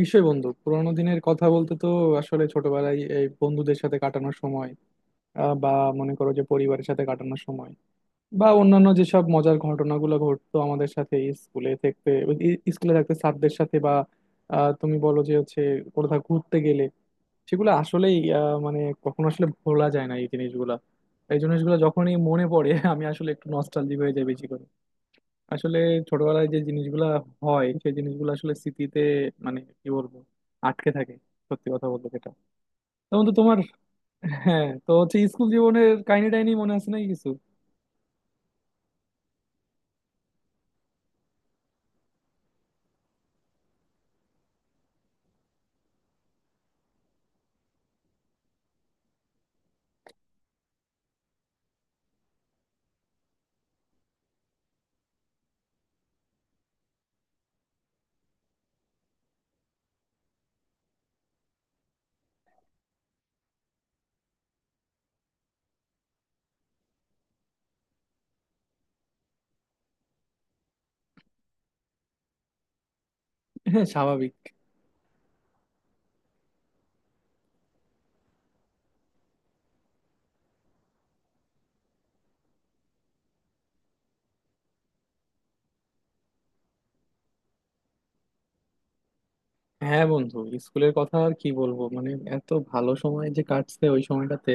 নিশ্চয়ই বন্ধু, পুরোনো দিনের কথা বলতে তো আসলে ছোটবেলায় এই বন্ধুদের সাথে কাটানোর সময়, বা মনে করো যে পরিবারের সাথে কাটানোর সময়, বা অন্যান্য যেসব মজার ঘটনাগুলো ঘটতো আমাদের সাথে স্কুলে থাকতে, স্কুলে থাকতে স্যারদের সাথে, বা তুমি বলো যে হচ্ছে কোথাও ঘুরতে গেলে, সেগুলো আসলেই মানে কখনো আসলে ভোলা যায় না এই জিনিসগুলা। এই জিনিসগুলো যখনই মনে পড়ে আমি আসলে একটু নস্টালজিক হয়ে যাই বেশি করে। আসলে ছোটবেলায় যে জিনিসগুলা হয়, সেই জিনিসগুলো আসলে স্মৃতিতে, মানে কি বলবো, আটকে থাকে। সত্যি কথা বলতে যেটা। তো বন্ধু তোমার। হ্যাঁ, তো হচ্ছে স্কুল জীবনের কাহিনী টাইনি মনে আছে নাকি কিছু। হ্যাঁ, স্বাভাবিক। হ্যাঁ বন্ধু, স্কুলের কথা আর কি বলবো, মানে এত ভালো সময় যে কাটছে ওই সময়টাতে।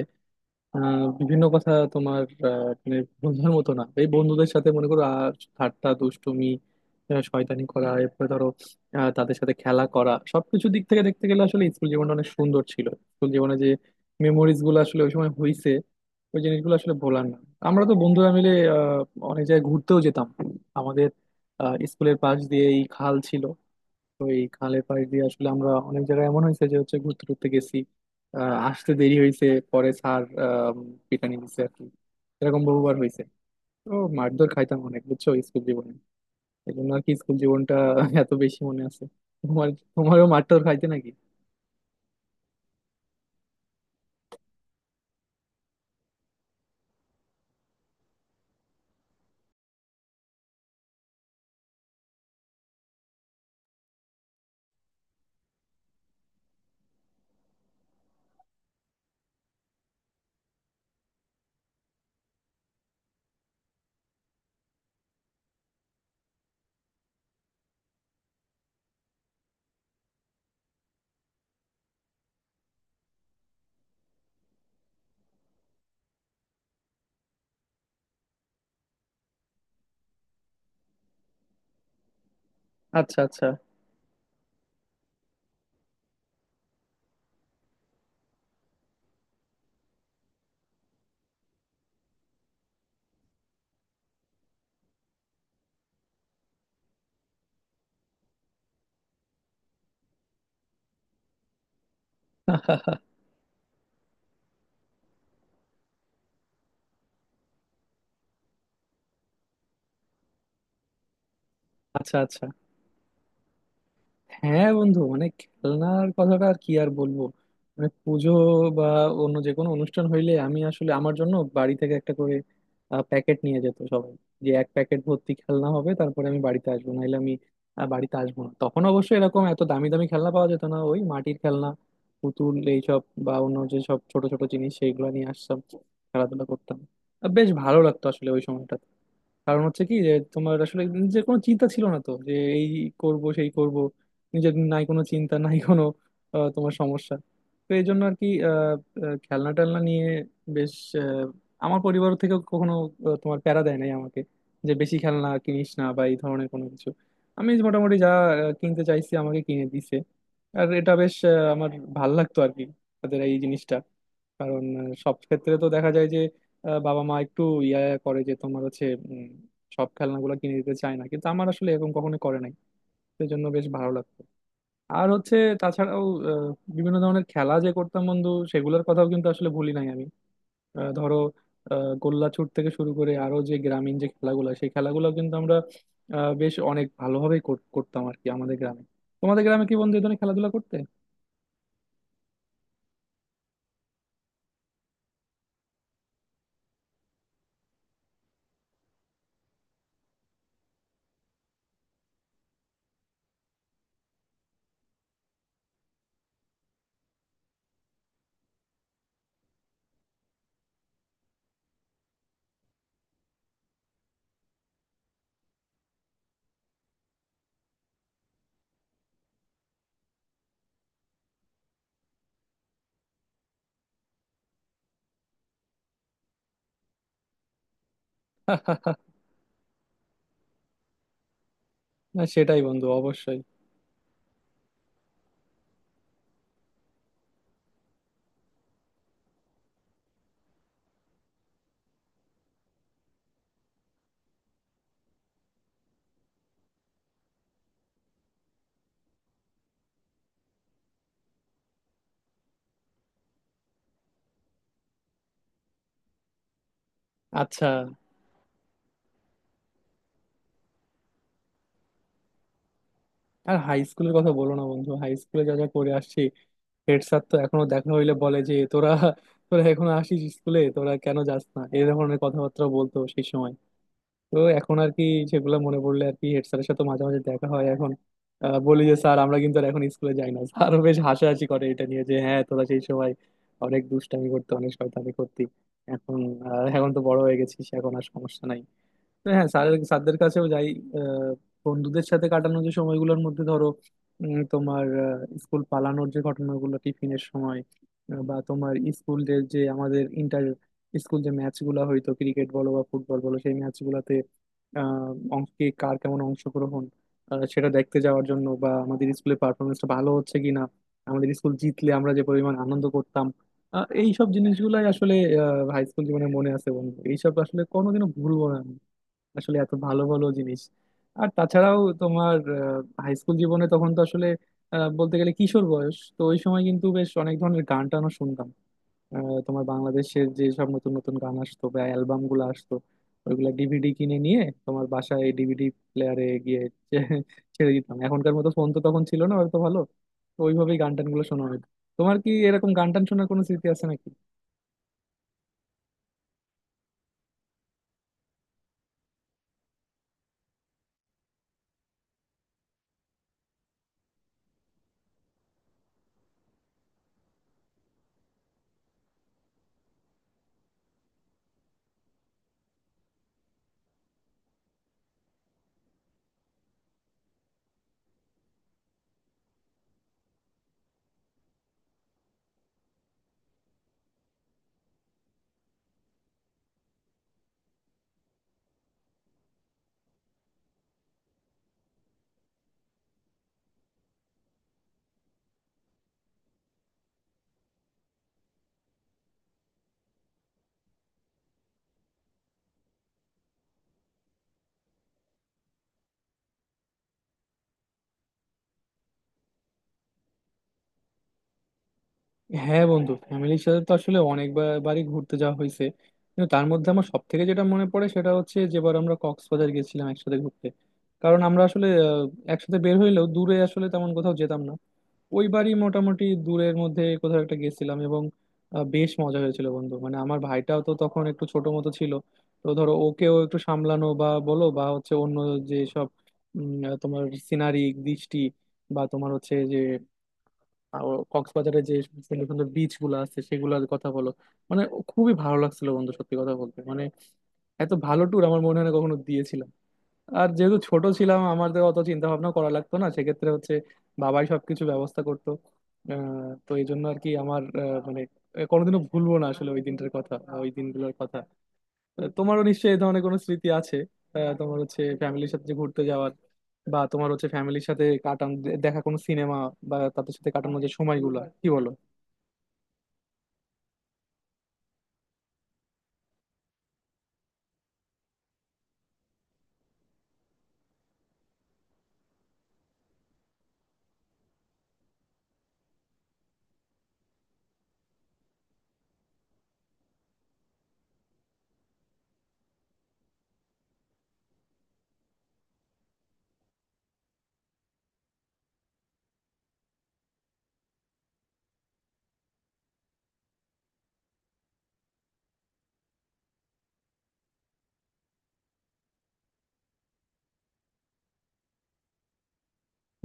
বিভিন্ন কথা তোমার, মানে বন্ধুদের মতো না, এই বন্ধুদের সাথে মনে করো আর ঠাট্টা দুষ্টুমি, শয়তানি করা, এরপরে ধরো তাদের সাথে খেলা করা, সবকিছু দিক থেকে দেখতে গেলে আসলে স্কুল জীবনটা অনেক সুন্দর ছিল। স্কুল জীবনে যে মেমোরিজ গুলো আসলে ওই সময় হইছে, ওই জিনিসগুলো আসলে ভোলার না। আমরা তো বন্ধুরা মিলে আহ, অনেক জায়গায় ঘুরতেও যেতাম। আমাদের স্কুলের পাশ দিয়ে এই খাল ছিল, তো এই খালের পাশ দিয়ে আসলে আমরা অনেক জায়গায় এমন হয়েছে যে হচ্ছে ঘুরতে টুরতে গেছি, আসতে দেরি হয়েছে, পরে স্যার পিটানি দিছে আর কি। এরকম বহুবার হয়েছে। তো মারধর খাইতাম অনেক, বুঝছো, স্কুল জীবনে। এই জন্য আর কি স্কুল জীবনটা এত বেশি মনে আছে। তোমার, তোমারও মারধর খাইতে নাকি? আচ্ছা আচ্ছা। আচ্ছা আচ্ছা। হ্যাঁ বন্ধু, মানে খেলনার কথাটা আর কি আর বলবো। মানে পুজো বা অন্য যে কোনো অনুষ্ঠান হইলে আমি আসলে আমার জন্য বাড়ি থেকে একটা করে প্যাকেট নিয়ে যেত সবাই, যে এক প্যাকেট ভর্তি খেলনা হবে তারপরে আমি বাড়িতে আসবো, নাহলে আমি বাড়িতে আসবো না। তখন অবশ্য এরকম এত দামি দামি খেলনা পাওয়া যেত না, ওই মাটির খেলনা, পুতুল, এইসব বা অন্য যে সব ছোট ছোট জিনিস সেইগুলো নিয়ে আসতাম, খেলাধুলা করতাম। বেশ ভালো লাগতো আসলে ওই সময়টা, কারণ হচ্ছে কি যে তোমার আসলে নিজের কোনো চিন্তা ছিল না তো, যে এই করব সেই করব, নিজের নাই কোনো চিন্তা নাই কোনো তোমার সমস্যা। তো এই জন্য আর কি, আহ, আহ, খেলনা টেলনা নিয়ে বেশ আহ, আমার পরিবার থেকে কখনো তোমার প্যারা দেয় নাই আমাকে, যে বেশি খেলনা কিনিস না বা এই ধরনের কোনো কিছু। আমি যে মোটামুটি যা কিনতে চাইছি আমাকে কিনে দিছে, আর এটা বেশ আমার ভাল লাগতো আর কি তাদের এই জিনিসটা। কারণ সব ক্ষেত্রে তো দেখা যায় যে বাবা মা একটু ইয়া করে, যে তোমার হচ্ছে উম, সব খেলনাগুলো কিনে দিতে চায় না, কিন্তু আমার আসলে এরকম কখনো করে নাই। সেই জন্য বেশ ভালো লাগতো। আর হচ্ছে তাছাড়াও আহ, বিভিন্ন ধরনের খেলা যে করতাম বন্ধু, সেগুলোর কথাও কিন্তু আসলে ভুলি নাই আমি। ধরো গোল্লা ছুট থেকে শুরু করে আরো যে গ্রামীণ যে খেলাগুলো, সেই খেলাগুলো কিন্তু আমরা বেশ অনেক ভালোভাবেই করতাম আর কি আমাদের গ্রামে। তোমাদের গ্রামে কি বন্ধু এই ধরনের খেলাধুলা করতে? না সেটাই বন্ধু, অবশ্যই। আচ্ছা। আর হাই স্কুলের কথা বলো না বন্ধু, হাই স্কুলে যা যা করে আসছি, হেড স্যার তো এখনো দেখা হইলে বলে যে তোরা, তোরা এখনো আসিস স্কুলে, তোরা কেন যাস না, এই ধরনের কথাবার্তা বলতো সেই সময়। তো এখন আর কি, সেগুলো মনে পড়লে আর কি। হেড স্যারের সাথে মাঝে মাঝে দেখা হয় এখন। বলি যে স্যার আমরা কিন্তু আর এখন স্কুলে যাই না। স্যারও বেশ হাসাহাসি করে এটা নিয়ে যে হ্যাঁ, তোরা সেই সময় অনেক দুষ্টামি করতে, অনেক শয়তানি করতি, এখন এখন তো বড় হয়ে গেছিস, এখন আর সমস্যা নাই। হ্যাঁ, স্যারের, স্যারদের কাছেও যাই। আহ, বন্ধুদের সাথে কাটানো যে সময়গুলোর মধ্যে ধরো তোমার স্কুল পালানোর যে ঘটনাগুলো টিফিনের সময়, বা তোমার স্কুলের যে আমাদের ইন্টার স্কুল যে ম্যাচ গুলা হইতো, ক্রিকেট বলো বা ফুটবল বলো, সেই ম্যাচ গুলাতে আহ কে কার কেমন অংশগ্রহণ, সেটা দেখতে যাওয়ার জন্য বা আমাদের স্কুলের পারফরমেন্সটা ভালো হচ্ছে কিনা, আমাদের স্কুল জিতলে আমরা যে পরিমাণ আনন্দ করতাম, এইসব জিনিসগুলাই আসলে হাই স্কুল জীবনে মনে আছে বন্ধু। এইসব আসলে কোনোদিনও ভুলবো না আসলে, এত ভালো ভালো জিনিস। আর তাছাড়াও তোমার, হাই স্কুল জীবনে তখন তো আসলে বলতে গেলে কিশোর বয়স, তো ওই সময় কিন্তু বেশ অনেক ধরনের গান টানও শুনতাম। তোমার বাংলাদেশের যে সব নতুন নতুন গান আসতো বা অ্যালবাম গুলো আসতো, ওইগুলা ডিভিডি কিনে নিয়ে তোমার বাসায় ডিভিডি প্লেয়ারে গিয়ে ছে- ছেড়ে দিতাম। এখনকার মতো ফোন তো তখন ছিল না হয়তো ভালো, তো ওইভাবেই গান টান গুলো শোনা হতো। তোমার কি এরকম গান টান শোনার কোনো স্মৃতি আছে নাকি? হ্যাঁ বন্ধু, ফ্যামিলির সাথে তো আসলে অনেকবারই ঘুরতে যাওয়া হয়েছে, কিন্তু তার মধ্যে আমার সব থেকে যেটা মনে পড়ে সেটা হচ্ছে যেবার আমরা কক্সবাজার গেছিলাম একসাথে ঘুরতে। কারণ আমরা আসলে একসাথে বের হইলেও দূরে আসলে তেমন কোথাও যেতাম না, ওইবারই মোটামুটি দূরের মধ্যে কোথাও একটা গেছিলাম, এবং বেশ মজা হয়েছিল বন্ধু। মানে আমার ভাইটাও তো তখন একটু ছোট মতো ছিল, তো ধরো ওকেও একটু সামলানো বা বলো, বা হচ্ছে অন্য যে সব উম, তোমার সিনারি দৃষ্টি বা তোমার হচ্ছে যে, আর কক্সবাজারে যে সুন্দর সুন্দর বিচ গুলো আছে সেগুলোর কথা বলো, মানে খুবই ভালো লাগছিল বন্ধু। সত্যি কথা বলতে মানে, এত ভালো ট্যুর আমার মনে হয় না কখনো দিয়েছিলাম। আর যেহেতু ছোট ছিলাম আমাদের অত চিন্তা ভাবনা করা লাগতো না, সেক্ষেত্রে হচ্ছে বাবাই সবকিছু ব্যবস্থা করতো। তো এই জন্য আর কি আমার, মানে কোনোদিনও ভুলবো না আসলে ওই দিনটার কথা বা ওই দিনগুলোর কথা। তোমারও নিশ্চয়ই এই ধরনের কোনো স্মৃতি আছে। তোমার হচ্ছে ফ্যামিলির সাথে যে ঘুরতে যাওয়ার, বা তোমার হচ্ছে ফ্যামিলির সাথে কাটানো দেখা কোনো সিনেমা বা তাদের সাথে কাটানো যে সময়গুলো, কি বলো?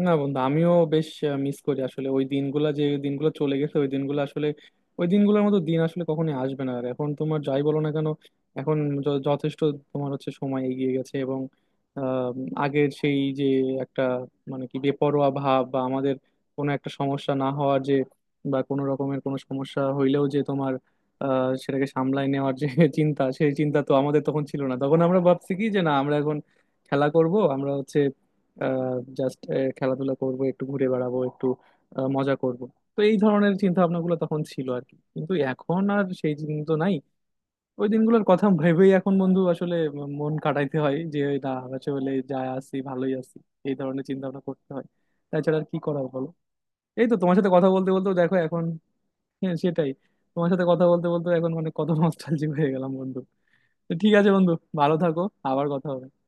না বন্ধু, আমিও বেশ মিস করি আসলে ওই দিনগুলা। যে দিনগুলো চলে গেছে, ওই দিনগুলো আসলে, ওই দিনগুলোর মতো দিন আসলে কখনোই আসবে না আর, এখন তোমার যাই বলো না কেন। এখন যথেষ্ট তোমার হচ্ছে সময় এগিয়ে গেছে, এবং আহ, আগের সেই যে একটা মানে কি বেপরোয়া ভাব, বা আমাদের কোনো একটা সমস্যা না হওয়ার যে, বা কোনো রকমের কোনো সমস্যা হইলেও যে তোমার সেটাকে সামলাই নেওয়ার যে চিন্তা, সেই চিন্তা তো আমাদের তখন ছিল না। তখন আমরা ভাবছি কি, যে না আমরা এখন খেলা করব, আমরা হচ্ছে জাস্ট খেলাধুলা করব, একটু ঘুরে বেড়াবো, একটু মজা করব। তো এই ধরনের চিন্তা ভাবনাগুলো তখন ছিল আর কি, কিন্তু এখন আর সেই দিন তো নাই। ওই দিনগুলোর কথা ভেবেই এখন বন্ধু আসলে মন কাটাইতে হয় যে না, আসলে যা আছি ভালোই আছি, এই ধরনের চিন্তা ভাবনা করতে হয়। তাছাড়া আর কি করার বলো? এই তো তোমার সাথে কথা বলতে বলতেও দেখো এখন। হ্যাঁ সেটাই, তোমার সাথে কথা বলতে বলতে এখন অনেক কত নস্টালজিক হয়ে গেলাম বন্ধু। তো ঠিক আছে বন্ধু, ভালো থাকো, আবার কথা হবে।